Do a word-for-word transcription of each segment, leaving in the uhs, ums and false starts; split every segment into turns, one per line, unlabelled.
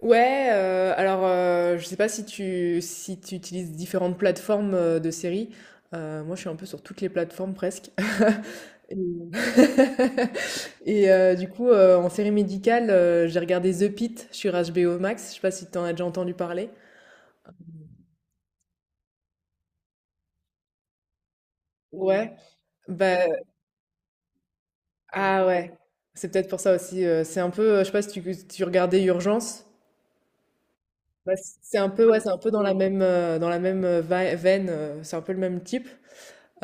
Ouais, heu, alors, heu, je sais pas si tu si tu utilises différentes plateformes, heu, de séries. Heu, moi, je suis un peu sur toutes les plateformes presque et et heu, du coup, heu, en série médicale, heu, j'ai regardé The Pitt sur H B O Max. Je sais pas si tu en as déjà entendu parler? Ouais, bah ah ouais, c'est peut-être pour ça aussi, heu, c'est un peu, heu, je sais pas si tu tu regardais Urgence? Bah, c'est un peu ouais, c'est un peu dans la même, heu, dans la même, heu, vai veine, heu, c'est un peu le même type.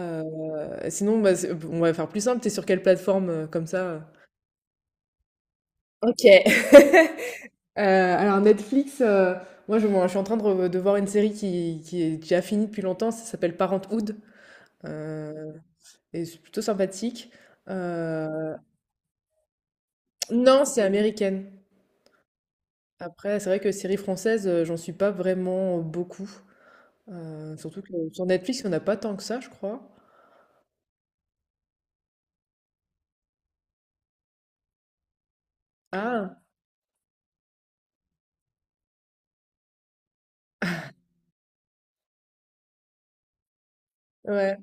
Euh, Euh, Sinon, bah, c'est- on va faire plus simple. T'es sur quelle plateforme euh, comme ça euh Ok. Euh, alors Netflix, euh, moi je, moi, je suis en train de, re- de voir une série qui, qui est déjà finie depuis longtemps, ça s'appelle Parenthood, euh, et c'est plutôt sympathique. Euh, non, c'est américaine. Après, c'est vrai que série française, euh, j'en suis pas vraiment beaucoup. Euh, surtout que sur Netflix, il n'y en a pas tant que ça, je crois. Ah, ouais,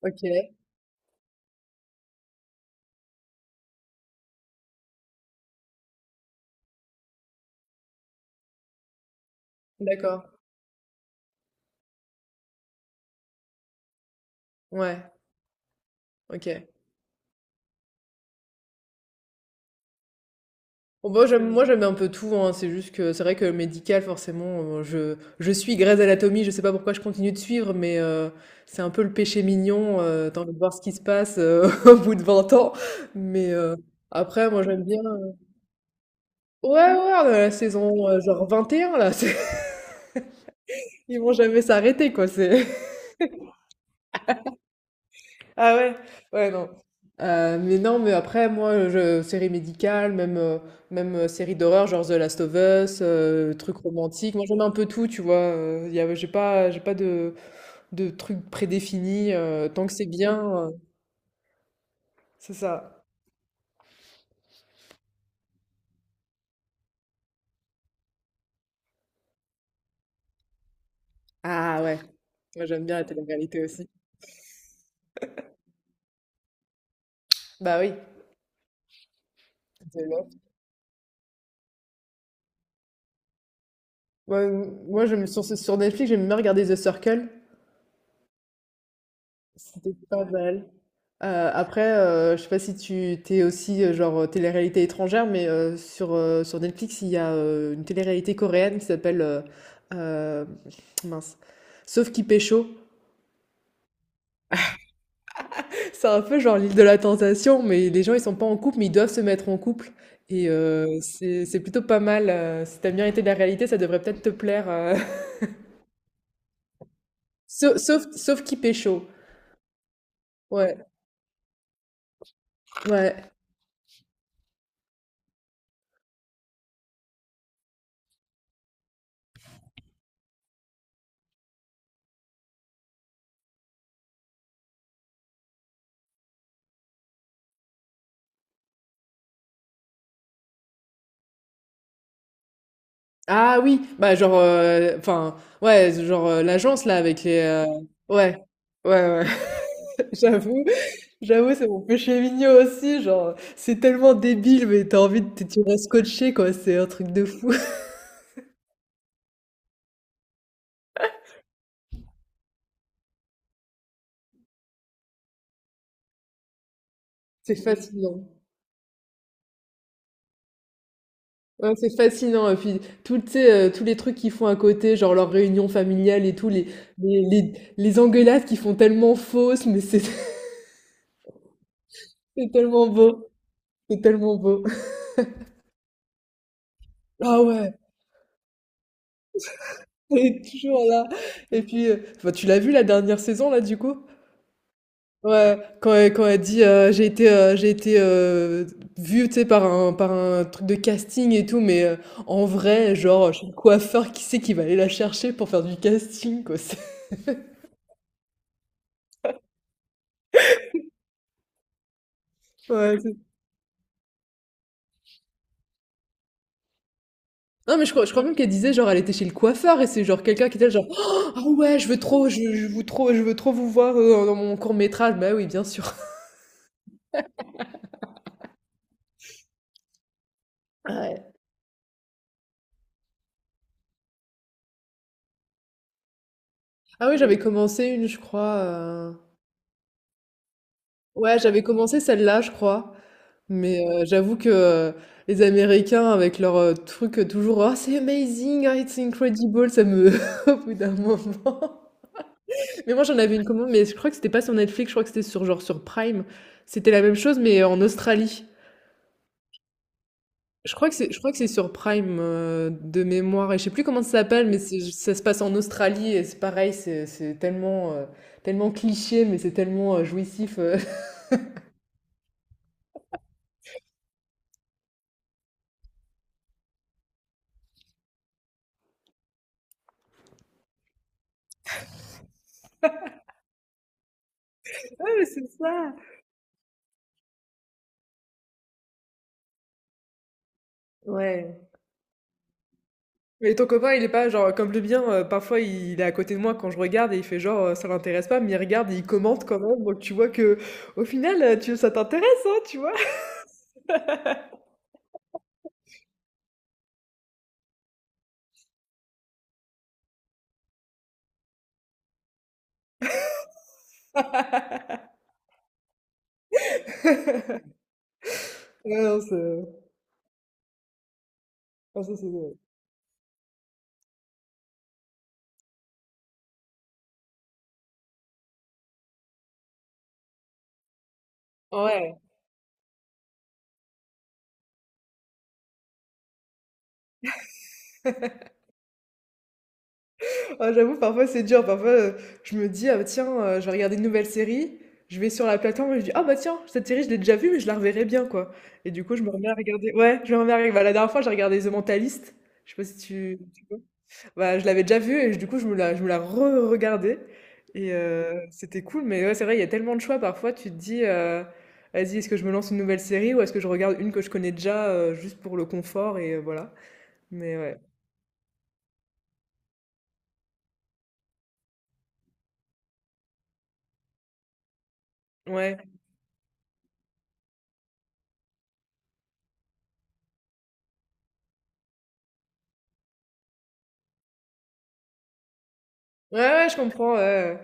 ok, d'accord. Ouais, ok. Bon, moi j'aime moi Euh, j'aime un peu tout hein. C'est juste que c'est vrai que le médical forcément euh, je je suis Grey's Anatomy, je sais pas pourquoi je continue de suivre mais euh, c'est un peu le péché mignon euh, t'as envie de voir ce qui se passe euh, au bout de vingt ans mais euh, après moi j'aime bien euh, Ouais ouais, on est à la saison euh, genre vingt et un là, c'est- ils vont jamais s'arrêter quoi. C'est ah ouais? Ouais, non. Heu, mais non, mais après, moi, je séries médicales, même, heu, même, heu, séries d'horreur, genre The Last of Us, heu, trucs romantiques. Moi, j'aime un peu tout, tu vois? Heu, il y a j'ai pas j'ai pas de de trucs prédéfinis, heu, tant que c'est bien, heu c'est ça. Ah ouais, moi, j'aime bien la télé-réalité aussi. Bah oui, The Love. Moi, moi, j'aime sur sur Netflix, j'aime bien regarder The Circle. C'était pas mal. Heu, Après, heu, je sais pas si tu t'es aussi, heu, genre, euh, télé-réalité étrangère, mais, heu, sur, heu, sur Netflix, il y a, heu, une réalité coréenne qui s'appelle, heu, hem, mince, Sauf qui pécho. C'est un peu genre l'île de la tentation, mais les gens, ils sont pas en couple, mais ils doivent se mettre en couple et heu, c'est c'est plutôt pas mal, heu, si tu aimes bien été de la réalité, ça devrait peut-être te plaire, heu, Sau Sauf Sauf qui pécho. Ouais, ouais. Ah oui, bah genre, heu, enfin, ouais, genre, heu, l'agence là avec les, heu, ouais, ouais, ouais, j'avoue, J'avoue, c'est mon péché mignon aussi, genre, c'est tellement débile, mais t'as envie de t tu restes scotché quoi, c'est un truc de fou. C'est fascinant. Ouais, c'est fascinant et puis tout, tu sais, heu, tous les trucs qu'ils font à côté, genre leurs réunions familiales et tout, les les les les engueulades qu'ils font tellement fausses, mais c'est c'est tellement beau, c'est tellement beau. Ah ouais. Elle est toujours là et puis, heu, enfin, tu l'as vu la dernière saison là du coup? Ouais, quand elle quand elle dit, heu: «J'ai été, heu, j'ai été, heu, vue, tu sais, par un par un truc de casting et tout», mais, heu, en vrai, genre, chez le coiffeur, qui sait qui va aller la chercher pour faire du casting quoi? C'est ouais, c'est non mais je crois je crois même qu'elle disait, genre, elle était chez le coiffeur et c'est, genre, quelqu'un qui était là, genre: «Oh, «Ah ouais, je veux trop je je veux trop je veux trop vous voir, heu, dans mon court métrage». Bah oui, bien sûr. Ouais. Ah oui, j'avais commencé une, je crois, heu Ouais, j'avais commencé celle-là, je crois. Mais euh, j'avoue que euh, les Américains, avec leur euh, truc euh, toujours «Oh, c'est amazing, oh, it's incredible», ça me... au bout d'un moment... Mais moi, j'en avais une commande, mais je crois que c'était pas sur Netflix, je crois que c'était sur, genre, sur Prime. C'était la même chose, mais en Australie. Je crois que c'est, je crois que c'est sur Prime, euh, de mémoire, et je sais plus comment ça s'appelle, mais c'est- ça se passe en Australie, et c'est pareil, c'est c'est tellement, euh, tellement cliché, mais c'est tellement euh, jouissif. euh. Ouais, mais c'est ça! Ouais. Mais ton copain, il est pas genre comme le mien, heu, parfois il est à côté de moi quand je regarde et il fait genre, heu, ça l'intéresse pas, mais il regarde et il commente quand même, donc tu vois que au final, heu, tu ça t'intéresse, hein, tu vois? Ouais, non, c'est ah ça c'est drôle. Ouais. Ah j'avoue parfois c'est dur, parfois, heu, je me dis: «Ah tiens, heu, je vais regarder une nouvelle série», je vais sur la plateforme et je dis: «Ah bah tiens, cette série je l'ai déjà vue mais je la reverrai bien quoi» et du coup je me remets à regarder ouais, je me remets à regarder bah la dernière fois j'ai regardé The Mentalist, je sais pas si tu Bah, je l'avais déjà vue et du coup, je me la je me la re-regardais et heu, c'était cool mais ouais, c'est vrai, il y a tellement de choix parfois, tu te dis, heu: «Vas-y, est-ce que je me lance une nouvelle série ou est-ce que je regarde une que je connais déjà, heu, juste pour le confort?» et heu, voilà. Mais ouais. Ouais. Ouais, ouais, je comprends, ouais, ouais.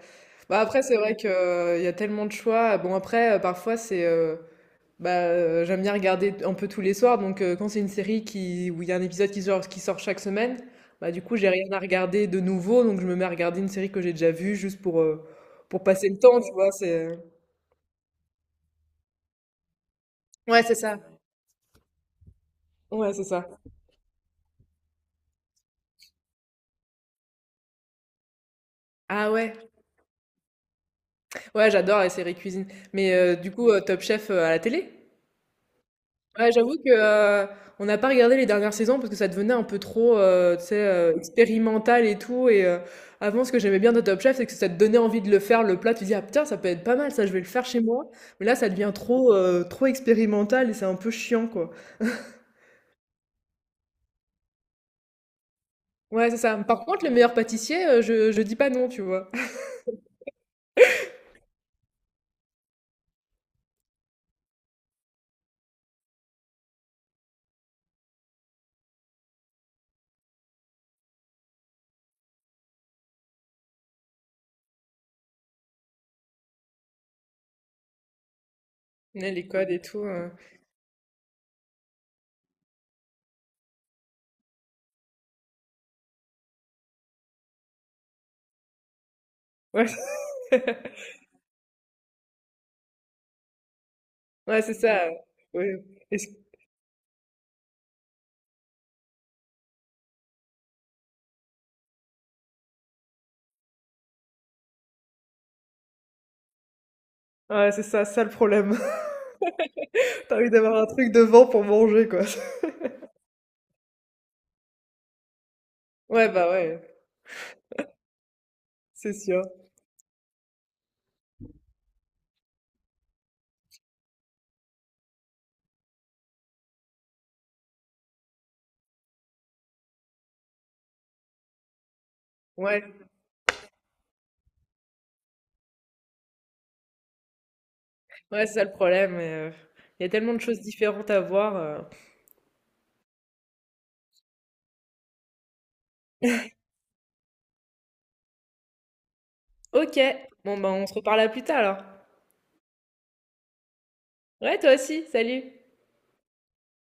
Bah, après, c'est vrai qu'il y a tellement de choix. Bon après, heu, parfois c'est, heu, Bah, heu, j'aime bien regarder un peu tous les soirs, donc heu, quand c'est une série qui où il y a un épisode qui sort qui sort chaque semaine, bah, du coup, j'ai rien à regarder de nouveau, donc je me mets à regarder une série que j'ai déjà vue juste pour, heu, pour passer le temps, tu vois? C'est ouais, c'est ça. Ouais, c'est ça. Ah ouais? Ouais, j'adore les séries cuisine. Mais heu, du coup, heu, Top Chef, heu, à la télé? Ouais, j'avoue que, heu, on n'a pas regardé les dernières saisons parce que ça devenait un peu trop, heu, tu sais, heu, expérimental et tout et heu, avant ce que j'aimais bien de Top Chef, c'est que ça te donnait envie de le faire le plat, tu dis: «Ah putain, ça peut être pas mal ça, je vais le faire chez moi». Mais là, ça devient trop, heu, trop expérimental et c'est un peu chiant, quoi. Ouais, c'est ça. Par contre, le meilleur pâtissier, heu, je je dis pas non, tu vois? Ouais, les codes et tout, heu, ouais, ouais, c'est ça, heu, oui, et c ouais, c'est ça, ça le problème. t'as envie d'avoir un truc devant pour manger, quoi. Ouais, bah, ouais, c'est sûr. Ouais. Ouais, c'est ça le problème. euh, Il y a tellement de choses différentes à voir. euh. Ok, bon ben on se reparle à plus tard alors. Ouais, toi aussi, salut!